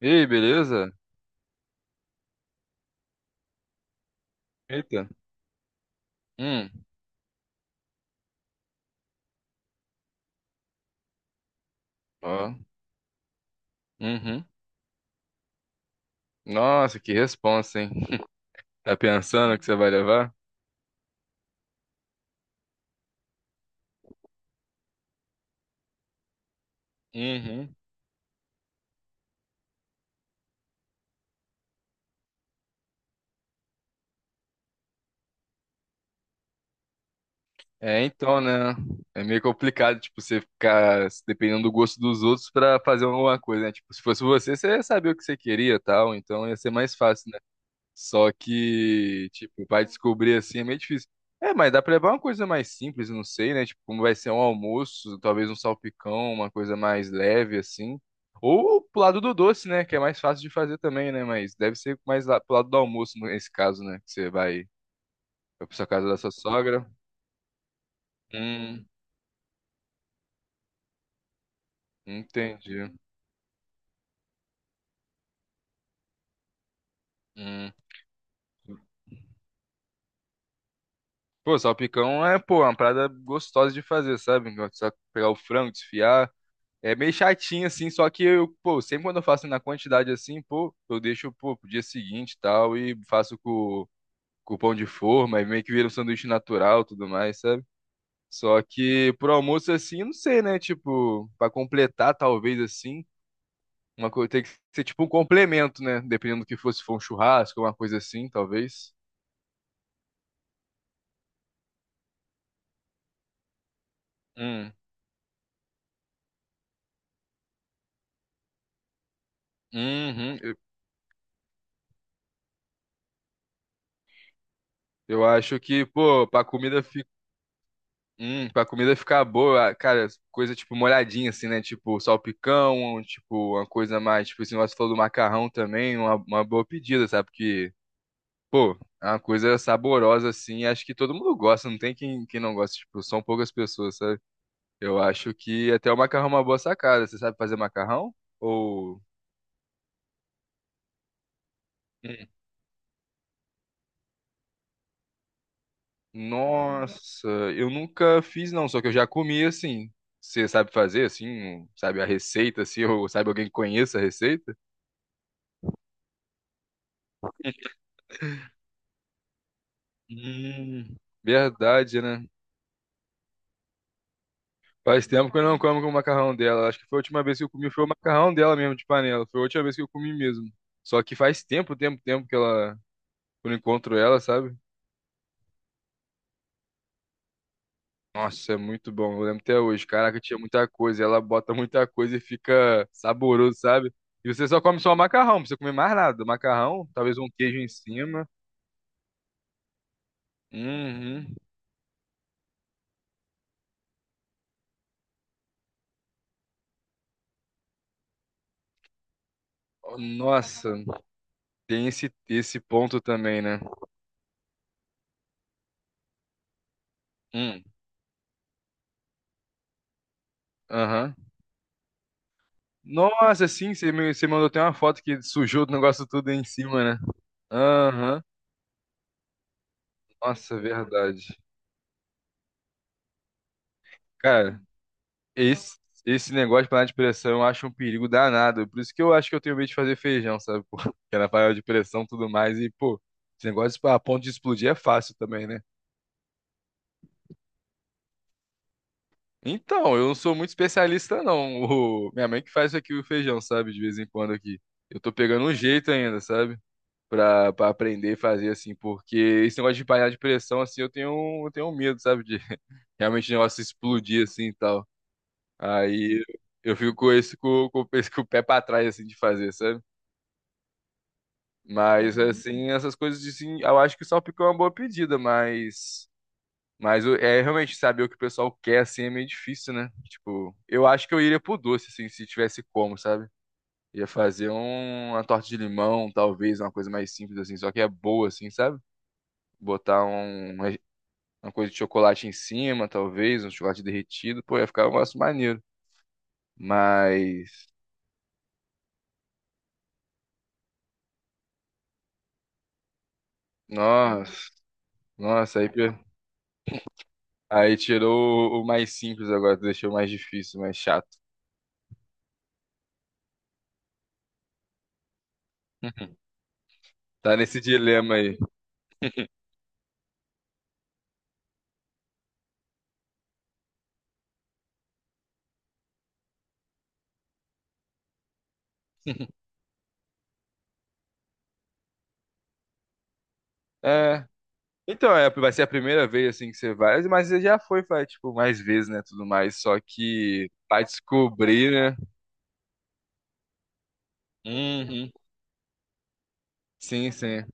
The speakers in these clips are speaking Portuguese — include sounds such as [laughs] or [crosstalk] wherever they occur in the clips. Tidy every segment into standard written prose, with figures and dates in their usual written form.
E aí, beleza? Eita. Hum, ó. Uhum. Nossa, que responsa, hein? [laughs] Tá pensando que você vai levar? Uhum. É, então, né? É meio complicado, tipo, você ficar dependendo do gosto dos outros pra fazer alguma coisa, né? Tipo, se fosse você, você ia saber o que você queria e tal, então ia ser mais fácil, né? Só que, tipo, vai descobrir assim é meio difícil. É, mas dá pra levar uma coisa mais simples, não sei, né? Tipo, como vai ser um almoço, talvez um salpicão, uma coisa mais leve, assim. Ou pro lado do doce, né? Que é mais fácil de fazer também, né? Mas deve ser mais lá, pro lado do almoço, nesse caso, né? Que você vai pra sua casa da sua sogra. Hum, entendi. Hum. Pô, salpicão é, pô, uma parada gostosa de fazer, sabe? Só pegar o frango, desfiar. É meio chatinho, assim, só que eu, pô, sempre quando eu faço na quantidade assim, pô, eu deixo, pô, pro dia seguinte e tal, e faço com pão de forma, e meio que vira um sanduíche natural e tudo mais, sabe? Só que pro almoço, assim, eu não sei, né? Tipo, pra completar, talvez, assim, uma coisa tem que ser tipo um complemento, né? Dependendo do que fosse, se for um churrasco, uma coisa assim, talvez. Hum. Uhum. Eu acho que, pô, pra comida ficar boa, cara, coisa tipo molhadinha, assim, né? Tipo salpicão, tipo uma coisa mais, tipo esse negócio que você falou do macarrão também, uma boa pedida, sabe? Porque, pô, é uma coisa saborosa, assim, acho que todo mundo gosta, não tem quem, quem não gosta, tipo, são poucas pessoas, sabe? Eu acho que até o macarrão é uma boa sacada. Você sabe fazer macarrão? Ou. Hum. Nossa, eu nunca fiz, não, só que eu já comi assim. Você sabe fazer, assim, sabe a receita, assim, ou sabe alguém que conheça a receita? Hum, verdade, né? Faz tempo que eu não como com o macarrão dela. Acho que foi a última vez que eu comi, foi o macarrão dela mesmo, de panela. Foi a última vez que eu comi mesmo. Só que faz tempo, tempo, tempo que ela, que eu não encontro ela, sabe? Nossa, é muito bom. Eu lembro até hoje. Caraca, tinha muita coisa. Ela bota muita coisa e fica saboroso, sabe? E você só come só macarrão, não precisa comer mais nada. Macarrão, talvez um queijo em cima. Uhum. Nossa, tem esse ponto também, né? Hum. Aham. Nossa, sim, você mandou até uma foto que sujou o negócio tudo em cima, né? Aham. Nossa, verdade. Cara, esse, esse negócio de panela de pressão eu acho um perigo danado. Por isso que eu acho que eu tenho medo de fazer feijão, sabe? Pô, [laughs] que era panela de pressão e tudo mais. E, pô, esse negócio a ponto de explodir é fácil também, né? Então, eu não sou muito especialista, não. O- minha mãe que faz aqui, o feijão, sabe? De vez em quando aqui. Eu tô pegando um jeito ainda, sabe? Pra aprender e fazer, assim, porque esse negócio de panela de pressão, assim, eu tenho um medo, sabe, de [laughs] realmente o negócio explodir, assim, e tal. Aí eu fico com esse, com [laughs] esse- com o pé pra trás, assim, de fazer, sabe? Mas, assim, essas coisas, de, assim, eu acho que o salpicão é uma boa pedida, mas... Mas o- é realmente saber o que o pessoal quer, assim, é meio difícil, né? Tipo, eu acho que eu iria pro doce, assim, se tivesse como, sabe? Ia fazer um- uma torta de limão, talvez, uma coisa mais simples, assim, só que é boa, assim, sabe? Botar um, Uma coisa de chocolate em cima, talvez, um chocolate derretido, pô, ia ficar um negócio maneiro. Mas, nossa, nossa, aí, pe- aí tirou o mais simples agora, deixou o mais difícil, mais chato. [laughs] Tá nesse dilema aí. [laughs] É. Então, é, vai ser a primeira vez assim que você vai, mas você já foi, vai, tipo, mais vezes, né, tudo mais, só que vai descobrir, né? Uhum. Sim, sim.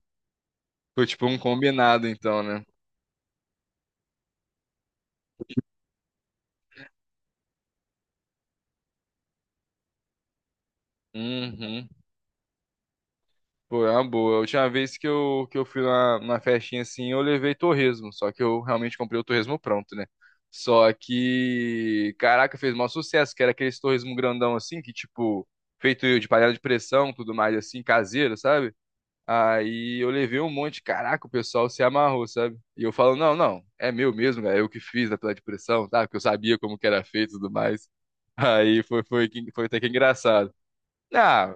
Foi tipo um combinado então, né? Uhum. Pô, é uma boa. A última vez que eu fui na, na festinha assim, eu levei torresmo. Só que eu realmente comprei o torresmo pronto, né? Só que, caraca, fez maior sucesso, que era aqueles torresmo grandão assim, que tipo, feito de panela de pressão, tudo mais assim, caseiro, sabe? Aí eu levei um monte, caraca, o pessoal se amarrou, sabe? E eu falo, não, não, é meu mesmo, é eu que fiz na panela de pressão, tá? Porque eu sabia como que era feito e tudo mais. Aí foi até que engraçado. Ah,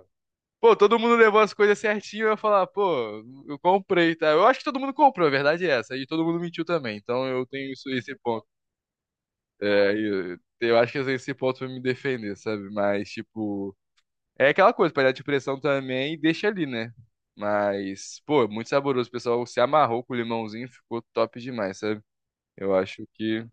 Pô, todo mundo levou as coisas certinho, eu ia falar, pô, eu comprei, tá? Eu acho que todo mundo comprou, a verdade é essa. E todo mundo mentiu também, então eu tenho isso, esse ponto. É, eu acho que eu tenho esse ponto pra me defender, sabe? Mas, tipo, é aquela coisa, panela de pressão também, deixa ali, né? Mas, pô, muito saboroso. O pessoal se amarrou com o limãozinho, ficou top demais, sabe? Eu acho que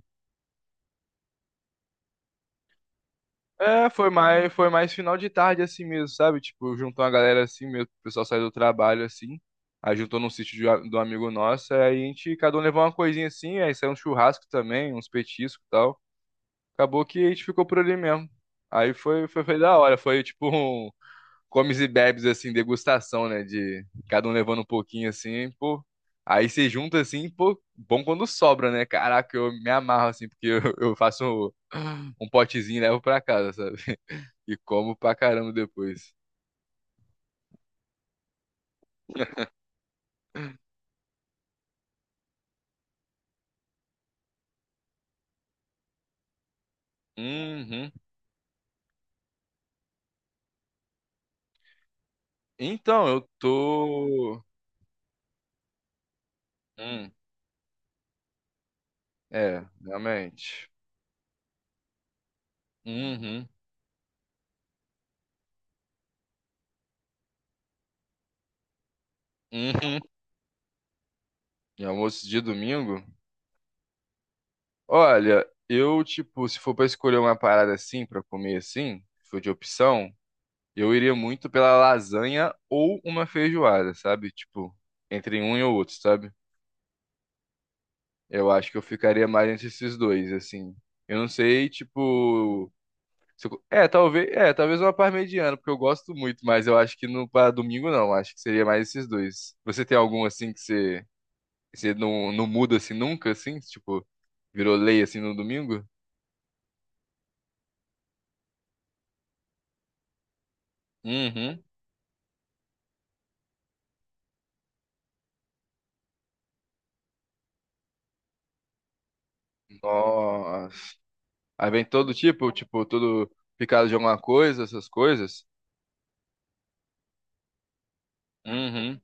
É, foi mais final de tarde assim mesmo, sabe? Tipo, juntou uma galera assim mesmo, o pessoal saiu do trabalho assim. Aí juntou num sítio de um amigo nosso, aí a gente, cada um levou uma coisinha assim, aí saiu um churrasco também, uns petiscos e tal. Acabou que a gente ficou por ali mesmo. Aí foi da hora, foi tipo um comes e bebes assim, degustação, né? De cada um levando um pouquinho assim, pô. Aí você junta assim, pô, bom quando sobra, né? Caraca, eu me amarro assim, porque [laughs] eu faço um um potezinho e levo pra casa, sabe? E como pra caramba depois. Uhum. Então, eu tô. Hum, é, realmente. Uhum. Uhum. E almoço de domingo? Olha, eu, tipo, se for pra escolher uma parada assim, pra comer assim, se for de opção, eu iria muito pela lasanha ou uma feijoada, sabe? Tipo, entre um e o outro, sabe? Eu acho que eu ficaria mais entre esses dois, assim. Eu não sei, tipo. Se eu- é, talvez uma par mediana, porque eu gosto muito, mas eu acho que no para domingo não, acho que seria mais esses dois. Você tem algum assim que você não, não muda assim nunca, assim, tipo, virou lei assim no domingo? Uhum. Nossa. Aí vem todo tipo, tipo, todo picado de alguma coisa, essas coisas. Uhum.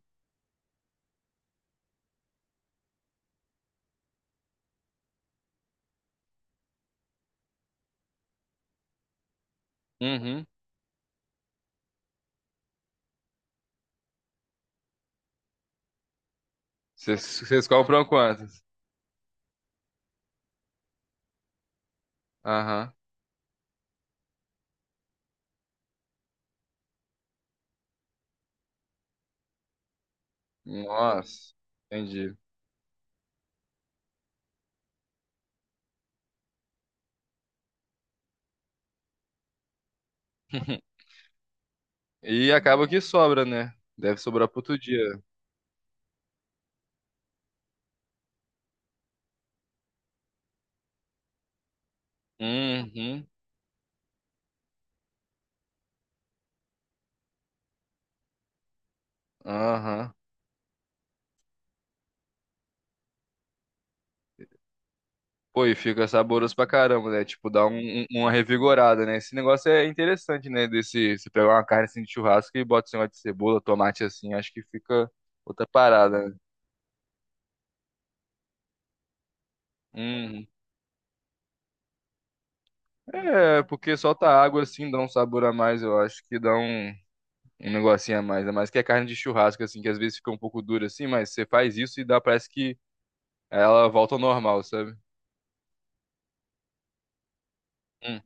Uhum. Vocês compram quantas? Aham. Nossa. Entendi. [laughs] E acaba que sobra, né? Deve sobrar pro outro dia. Uhum. Aham. Pô, e fica saboroso pra caramba, né? Tipo, dá um- um- uma revigorada, né? Esse negócio é interessante, né? Desse, você pegar uma carne assim de churrasco e bota esse negócio de cebola, tomate assim, acho que fica outra parada, né? Uhum. É, porque solta água assim, dá um sabor a mais, eu acho que dá um, um negocinho a mais. Ainda mais que a carne de churrasco, assim, que às vezes fica um pouco dura assim, mas você faz isso e dá, parece que ela volta ao normal, sabe? Hum.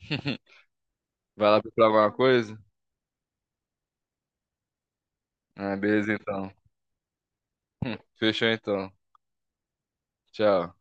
[laughs] Vai lá procurar alguma coisa? Ah, beleza então. Fechou então. Tchau.